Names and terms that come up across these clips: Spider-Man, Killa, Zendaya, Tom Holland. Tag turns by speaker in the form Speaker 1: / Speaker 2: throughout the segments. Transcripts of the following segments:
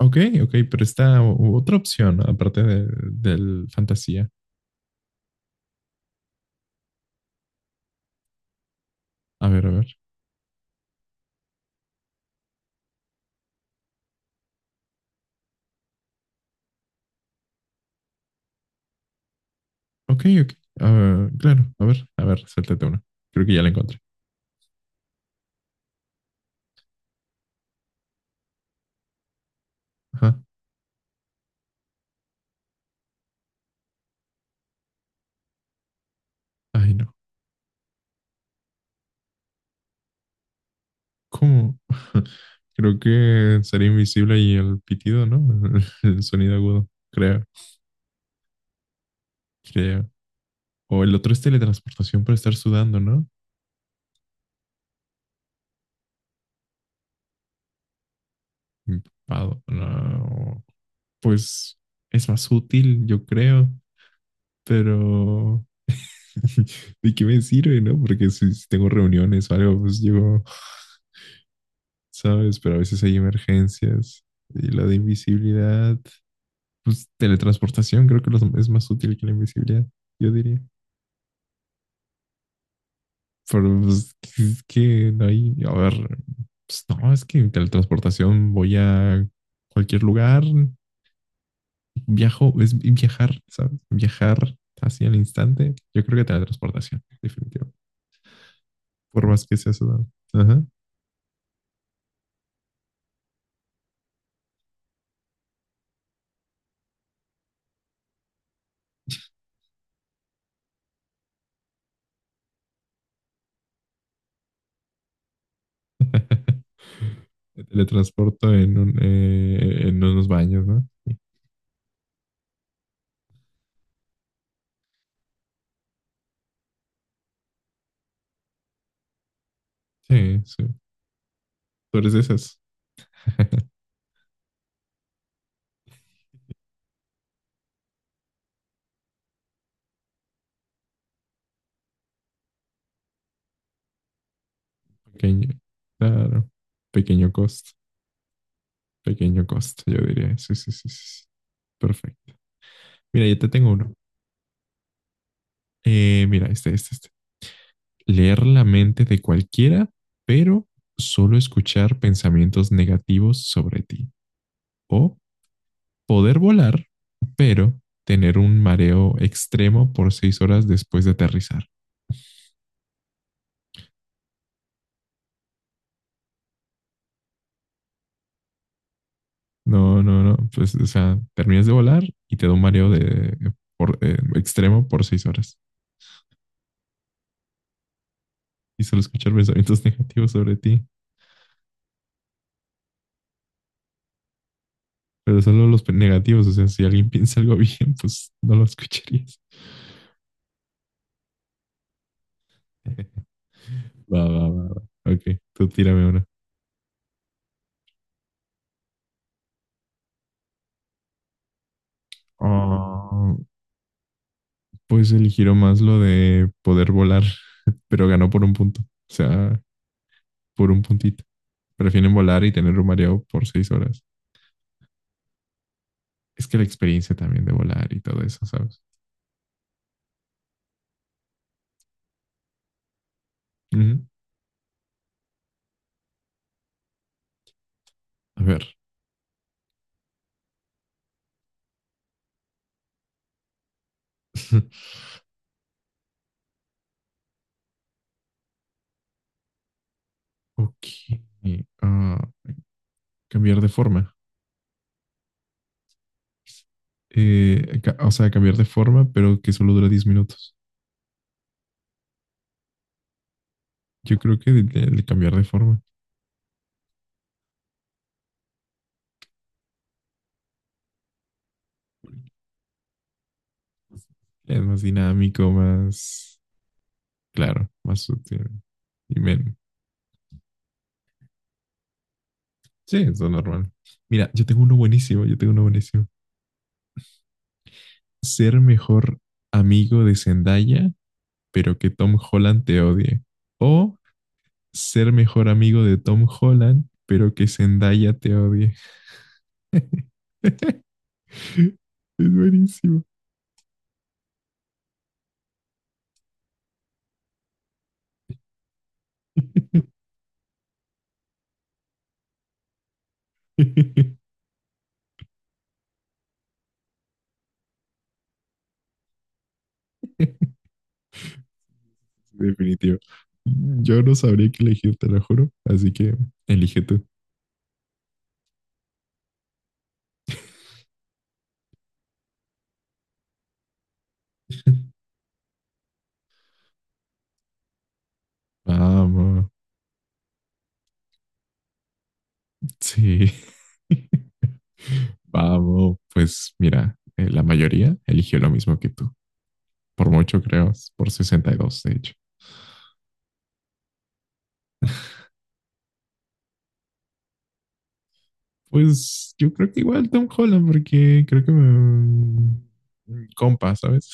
Speaker 1: Ok, ok, pero está otra opción aparte del fantasía. A ver, a ver. Ok, ok. Ah, claro, a ver, suéltate una. Creo que ya la encontré. Ajá. Ay, no. ¿Cómo? Creo que sería invisible y el pitido, ¿no? El sonido agudo. Creo, creo. O el otro es teletransportación por estar sudando, ¿no? Empapado. No. Pues es más útil, yo creo. Pero ¿de qué me sirve, no? Porque si tengo reuniones o algo, pues llego, ¿sabes? Pero a veces hay emergencias. Y la de invisibilidad, pues teletransportación creo que es más útil que la invisibilidad, yo diría. Pero pues, es que no hay, a ver, pues no, es que en teletransportación voy a cualquier lugar, viajo, es viajar, ¿sabes? Viajar así al instante. Yo creo que teletransportación, definitivo. Por más que sea sudado. Ajá. Me teletransporto en unos baños, ¿no? Sí, sí. Tú eres de esas. Pequeño, claro. Pequeño costo, pequeño costo, yo diría. Sí, sí, sí, sí, sí. Perfecto. Mira, yo te tengo uno. Mira, este. Leer la mente de cualquiera, pero solo escuchar pensamientos negativos sobre ti. O poder volar, pero tener un mareo extremo por 6 horas después de aterrizar. No, no, no. Pues, o sea, terminas de volar y te da un mareo extremo por 6 horas. Y solo escuchar pensamientos negativos sobre ti. Pero solo los negativos. O sea, si alguien piensa algo bien, pues no lo escucharías. Va, va, va, va. Ok, tú tírame una. Ah, pues eligió más lo de poder volar, pero ganó por un punto. O sea, por un puntito. Prefieren volar y tener un mareo por 6 horas. Es que la experiencia también de volar y todo eso, ¿sabes? Ujú. A ver. Ok. Ah, cambiar de forma. O sea, cambiar de forma, pero que solo dura 10 minutos. Yo creo que el cambiar de forma es más dinámico, más claro, más sutil. Y sí, eso es normal. Mira, yo tengo uno buenísimo, yo tengo uno buenísimo. Ser mejor amigo de Zendaya, pero que Tom Holland te odie. O ser mejor amigo de Tom Holland, pero que Zendaya te odie. Es buenísimo. Definitivo. Yo no sabría qué elegir, te lo juro. Así que elige tú. Vamos. Sí. Vamos. Pues mira, la mayoría eligió lo mismo que tú. Por mucho, creo. Por 62, de hecho. Pues yo creo que igual Tom Holland, porque creo que me... compa, ¿sabes?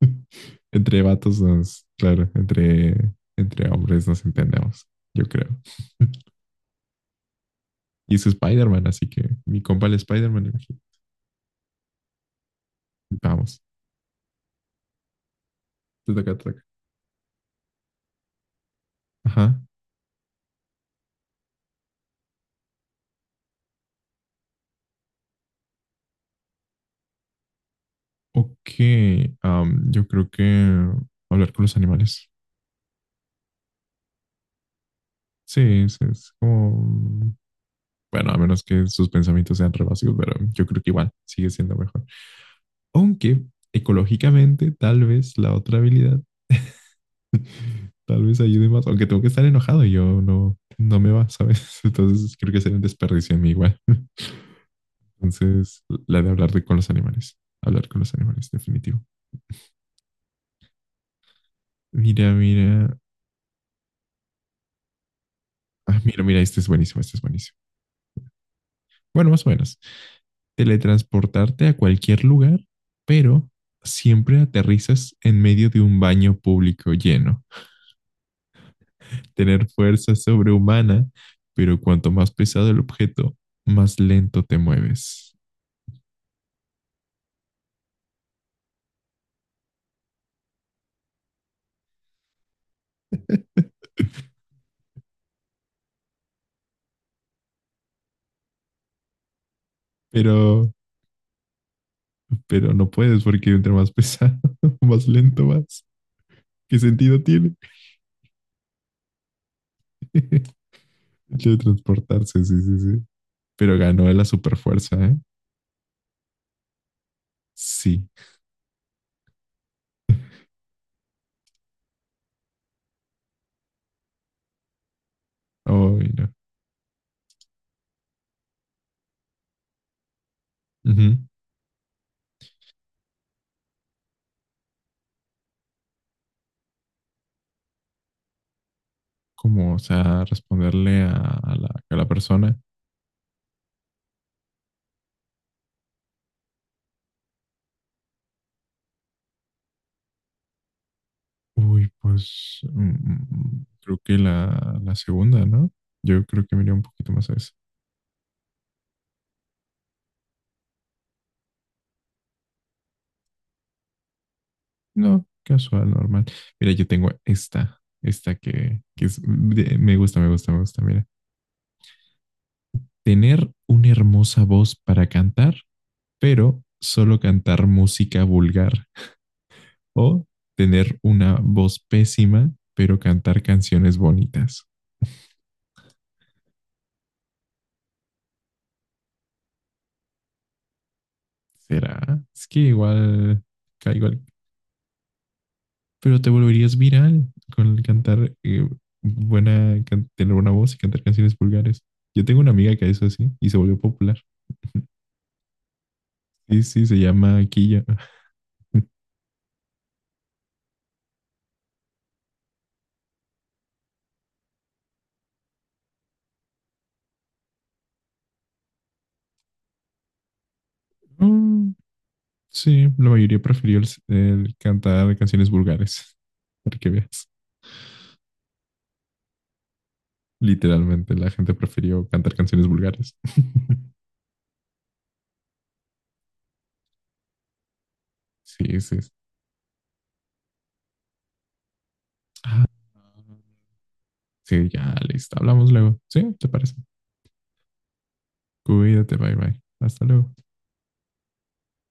Speaker 1: Entre vatos nos... Claro, entre hombres nos entendemos, yo creo. Y es Spider-Man, así que mi compa el Spider-Man, imagínate. Vamos. Tutaca, tutaca. Ajá. Ok. Yo creo que hablar con los animales. Sí, es como. Bueno, a menos que sus pensamientos sean re básicos, pero yo creo que igual sigue siendo mejor. Aunque ecológicamente, tal vez la otra habilidad, tal vez ayude más. Aunque tengo que estar enojado y yo no, no me va, ¿sabes? Entonces creo que sería un desperdicio en mí igual. Entonces, la de hablar con los animales. Hablar con los animales, definitivo. Mira, mira. Ah, mira, mira, este es buenísimo, este es buenísimo. Bueno, más o menos. Teletransportarte a cualquier lugar, pero siempre aterrizas en medio de un baño público lleno. Tener fuerza sobrehumana, pero cuanto más pesado el objeto, más lento te mueves. Pero, pero no puedes porque entre más pesado, más lento vas. ¿Qué sentido tiene? Hecho de transportarse, sí, sí, sí. Pero ganó la superfuerza, ¿eh? Sí. Ay, oh, no. Uh -huh. Como, o sea, responderle a la persona. Uy, pues creo que la segunda, ¿no? Yo creo que me iría un poquito más a eso. No, casual, normal. Mira, yo tengo esta, esta que es, me gusta, me gusta, me gusta. Mira, tener una hermosa voz para cantar, pero solo cantar música vulgar. O tener una voz pésima, pero cantar canciones bonitas. ¿Será? Es que igual caigo. Pero te volverías viral con el cantar, buena, tener buena voz y cantar canciones vulgares. Yo tengo una amiga que hizo así y se volvió popular. Sí, sí, se llama Killa. Mm, sí, la mayoría prefirió el cantar canciones vulgares. Para que veas. Literalmente, la gente prefirió cantar canciones vulgares. Sí, sí, sí. Ah, sí, ya, listo. Hablamos luego. ¿Sí? ¿Te parece? Cuídate, bye bye. Hasta luego.